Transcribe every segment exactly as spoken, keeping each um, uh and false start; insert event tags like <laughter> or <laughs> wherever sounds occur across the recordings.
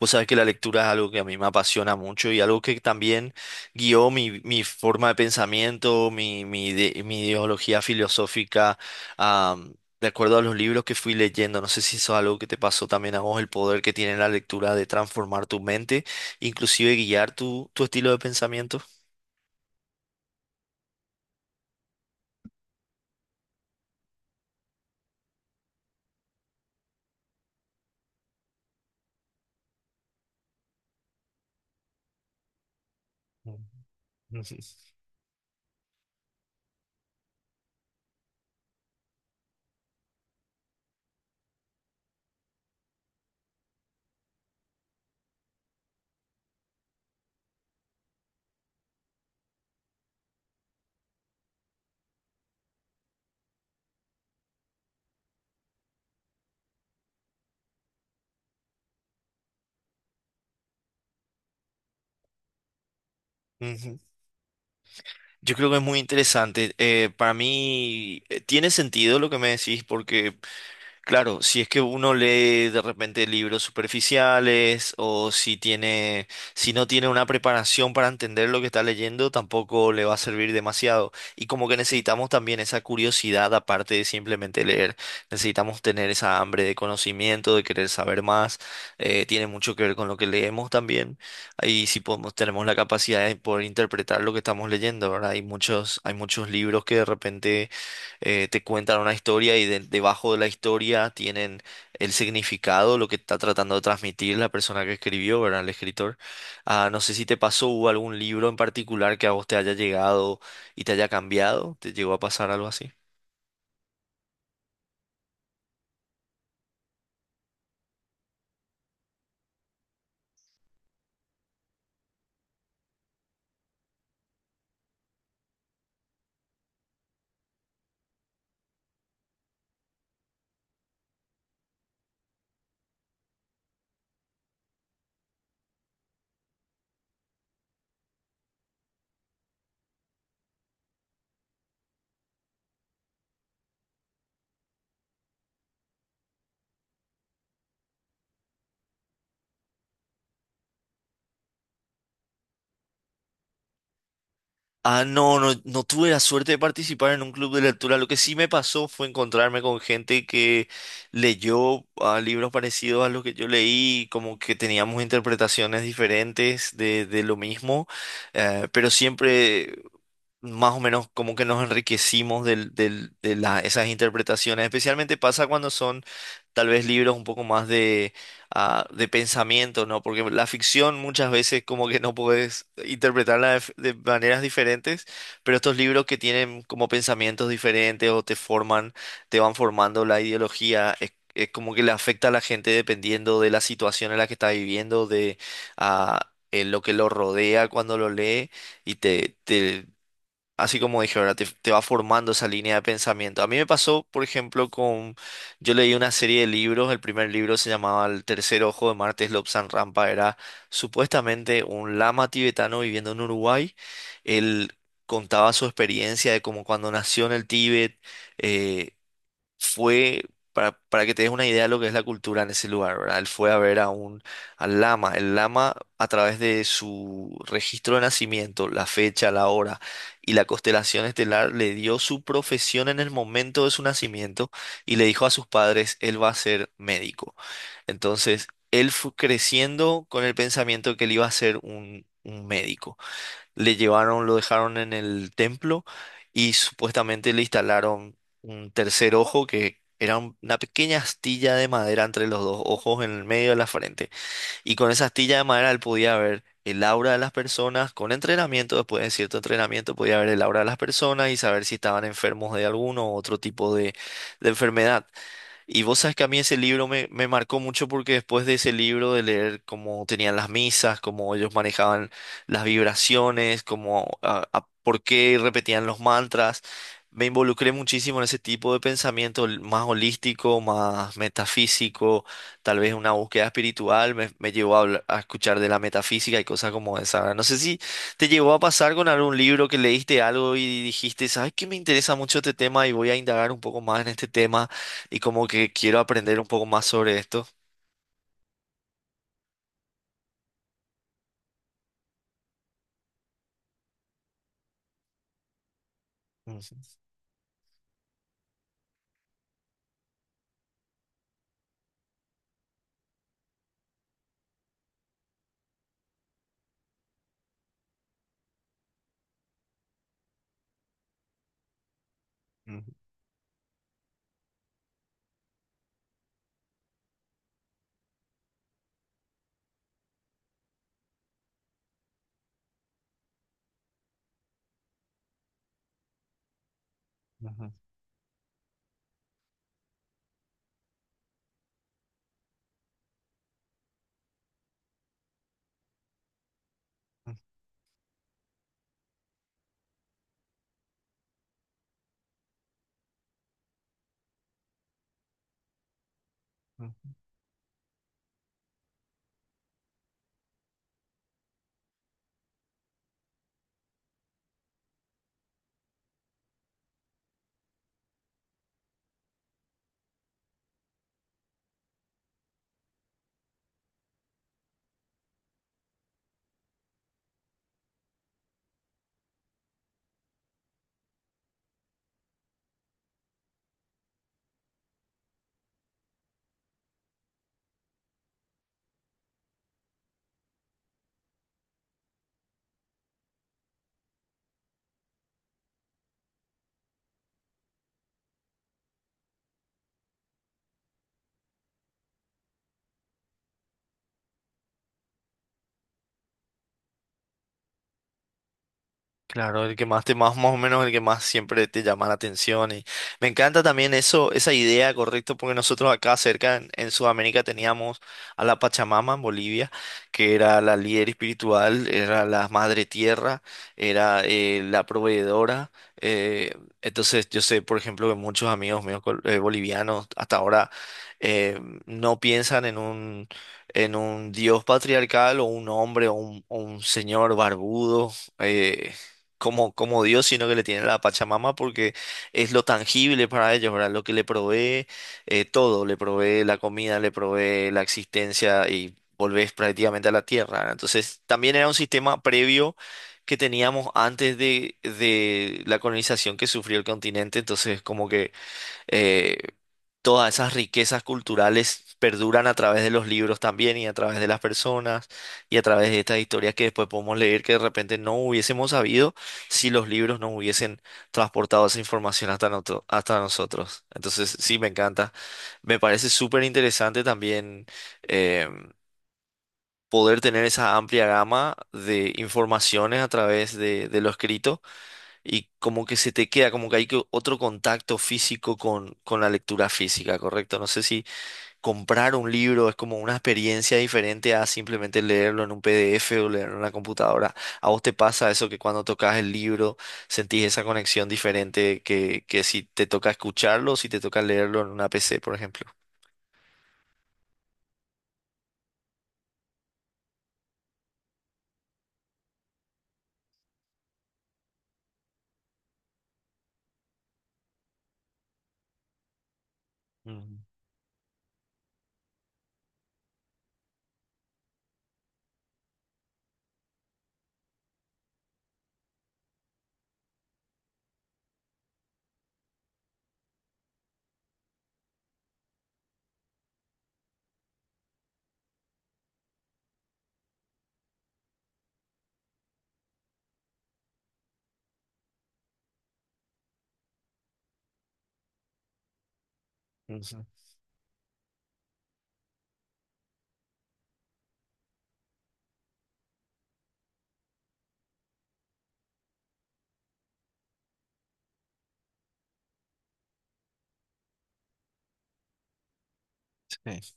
Vos sabés que la lectura es algo que a mí me apasiona mucho y algo que también guió mi, mi forma de pensamiento, mi, mi, ide- mi ideología filosófica, am, de acuerdo a los libros que fui leyendo. No sé si eso es algo que te pasó también a vos, el poder que tiene la lectura de transformar tu mente, inclusive guiar tu, tu estilo de pensamiento. <laughs> Ujú. Yo creo que es muy interesante. Eh, para mí eh, tiene sentido lo que me decís porque claro, si es que uno lee de repente libros superficiales o si tiene, si no tiene una preparación para entender lo que está leyendo, tampoco le va a servir demasiado. Y como que necesitamos también esa curiosidad aparte de simplemente leer. Necesitamos tener esa hambre de conocimiento, de querer saber más. Eh, tiene mucho que ver con lo que leemos también. Ahí sí podemos, tenemos la capacidad de poder interpretar lo que estamos leyendo, ¿verdad? Hay muchos, hay muchos libros que de repente eh, te cuentan una historia y de- debajo de la historia tienen el significado, lo que está tratando de transmitir la persona que escribió, ¿verdad? El escritor. Ah, no sé si te pasó, hubo algún libro en particular que a vos te haya llegado y te haya cambiado, ¿te llegó a pasar algo así? Ah, no, no, no tuve la suerte de participar en un club de lectura. Lo que sí me pasó fue encontrarme con gente que leyó ah, libros parecidos a los que yo leí, como que teníamos interpretaciones diferentes de, de lo mismo, eh, pero siempre más o menos como que nos enriquecimos del- del- de la- esas interpretaciones. Especialmente pasa cuando son tal vez libros un poco más de, ah, de pensamiento, ¿no? Porque la ficción muchas veces como que no puedes interpretarla de, f- de maneras diferentes, pero estos libros que tienen como pensamientos diferentes o te forman, te van formando la ideología. Es, es como que le afecta a la gente dependiendo de la situación en la que está viviendo, de ah, eh, lo que lo rodea cuando lo lee y te, te así como dije, ahora te, te va formando esa línea de pensamiento. A mí me pasó, por ejemplo, con... Yo leí una serie de libros, el primer libro se llamaba El Tercer Ojo, de Martes Lobsang Rampa, era supuestamente un lama tibetano viviendo en Uruguay. Él contaba su experiencia de cómo cuando nació en el Tíbet, eh, fue, para, para que te des una idea de lo que es la cultura en ese lugar, ¿verdad? Él fue a ver a un, al lama. El lama, a través de su registro de nacimiento, la fecha, la hora y la constelación estelar, le dio su profesión en el momento de su nacimiento y le dijo a sus padres, él va a ser médico. Entonces, él fue creciendo con el pensamiento que él iba a ser un un médico. Le llevaron, lo dejaron en el templo y supuestamente le instalaron un tercer ojo que era un- una pequeña astilla de madera entre los dos ojos en el medio de la frente. Y con esa astilla de madera él podía ver el aura de las personas, con entrenamiento, después de cierto entrenamiento podía ver el aura de las personas y saber si estaban enfermos de alguno u otro tipo de, de enfermedad. Y vos sabes que a mí ese libro me, me marcó mucho porque después de ese libro, de leer cómo tenían las misas, cómo ellos manejaban las vibraciones, cómo, ah, ah, por qué repetían los mantras, me involucré muchísimo en ese tipo de pensamiento l- más holístico, más metafísico, tal vez una búsqueda espiritual, me, me llevó a, hablar- a escuchar de la metafísica y cosas como esa. No sé si te llegó a pasar con algún libro que leíste algo y dijiste, ¿sabes qué? Me interesa mucho este tema y voy a indagar un poco más en este tema y como que quiero aprender un poco más sobre esto. Ujú, ujú, ujú, ujú. Claro, el que más te más, más o menos el que más siempre te llama la atención. Y me encanta también eso, esa idea, correcto, porque nosotros acá cerca en, en Sudamérica teníamos a la Pachamama en Bolivia, que era la líder espiritual, era la madre tierra, era eh, la proveedora. eh, entonces yo sé, por ejemplo, que muchos amigos míos col- eh, bolivianos hasta ahora eh, no piensan en un en un dios patriarcal o un hombre o un, o un señor barbudo, eh, como, como Dios, sino que le tienen a la Pachamama porque es lo tangible para ellos, ¿verdad? Lo que le provee eh, todo, le provee la comida, le provee la existencia y volvés prácticamente a la tierra, ¿verdad? Entonces, también era un sistema previo que teníamos antes de, de la colonización que sufrió el continente, entonces como que eh, todas esas riquezas culturales perduran a través de los libros también y a través de las personas y a través de estas historias que después podemos leer, que de repente no hubiésemos sabido si los libros no hubiesen transportado esa información hasta, noto- hasta nosotros. Entonces, sí, me encanta. Me parece súper interesante también eh, poder tener esa amplia gama de informaciones a través de, de lo escrito y como que se te queda, como que hay que otro contacto físico con, con la lectura física, ¿correcto? No sé si comprar un libro es como una experiencia diferente a simplemente leerlo en un PDF o leerlo en una computadora. ¿A vos te pasa eso que cuando tocas el libro sentís esa conexión diferente que, que si te toca escucharlo o si te toca leerlo en una P C, por ejemplo? Ujú, ujú. Sí.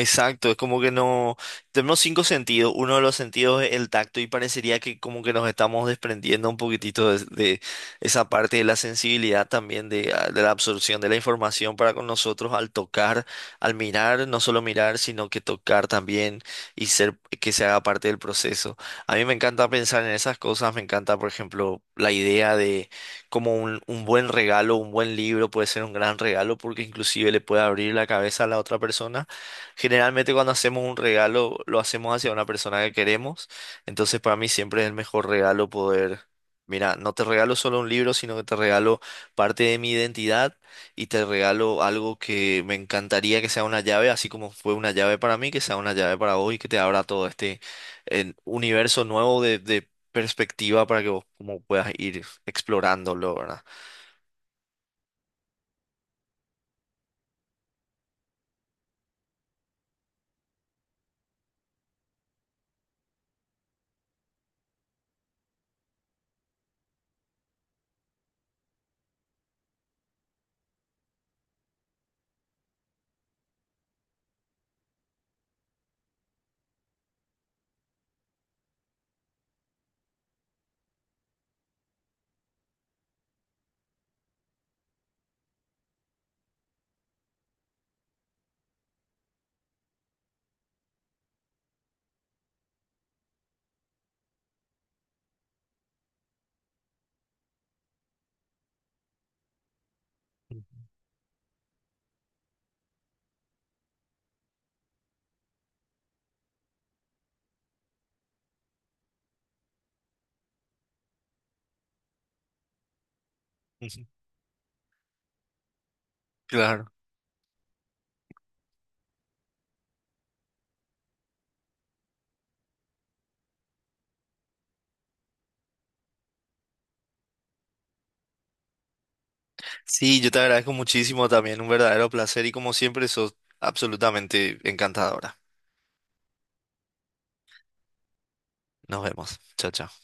Exacto, es como que no, tenemos cinco sentidos, uno de los sentidos es el tacto y parecería que como que nos estamos desprendiendo un poquitito de, de esa parte de la sensibilidad también de, ah, de la absorción de la información para con nosotros al tocar, al mirar, no solo mirar, sino que tocar también y ser que se haga parte del proceso. A mí me encanta pensar en esas cosas, me encanta, por ejemplo, la idea de como un, un buen regalo, un buen libro puede ser un gran regalo porque inclusive le puede abrir la cabeza a la otra persona. Generalmente cuando hacemos un regalo lo hacemos hacia una persona que queremos, entonces para mí siempre es el mejor regalo poder, mira, no te regalo solo un libro, sino que te regalo parte de mi identidad y te regalo algo que me encantaría que sea una llave, así como fue una llave para mí, que sea una llave para vos y que te abra todo este eh, universo nuevo de, de perspectiva para que vos como puedas ir explorándolo, ¿verdad? Ujú. <laughs> Claro. Sí, yo te agradezco muchísimo también, un verdadero placer y como siempre sos absolutamente encantadora. Nos vemos. Chao, chao.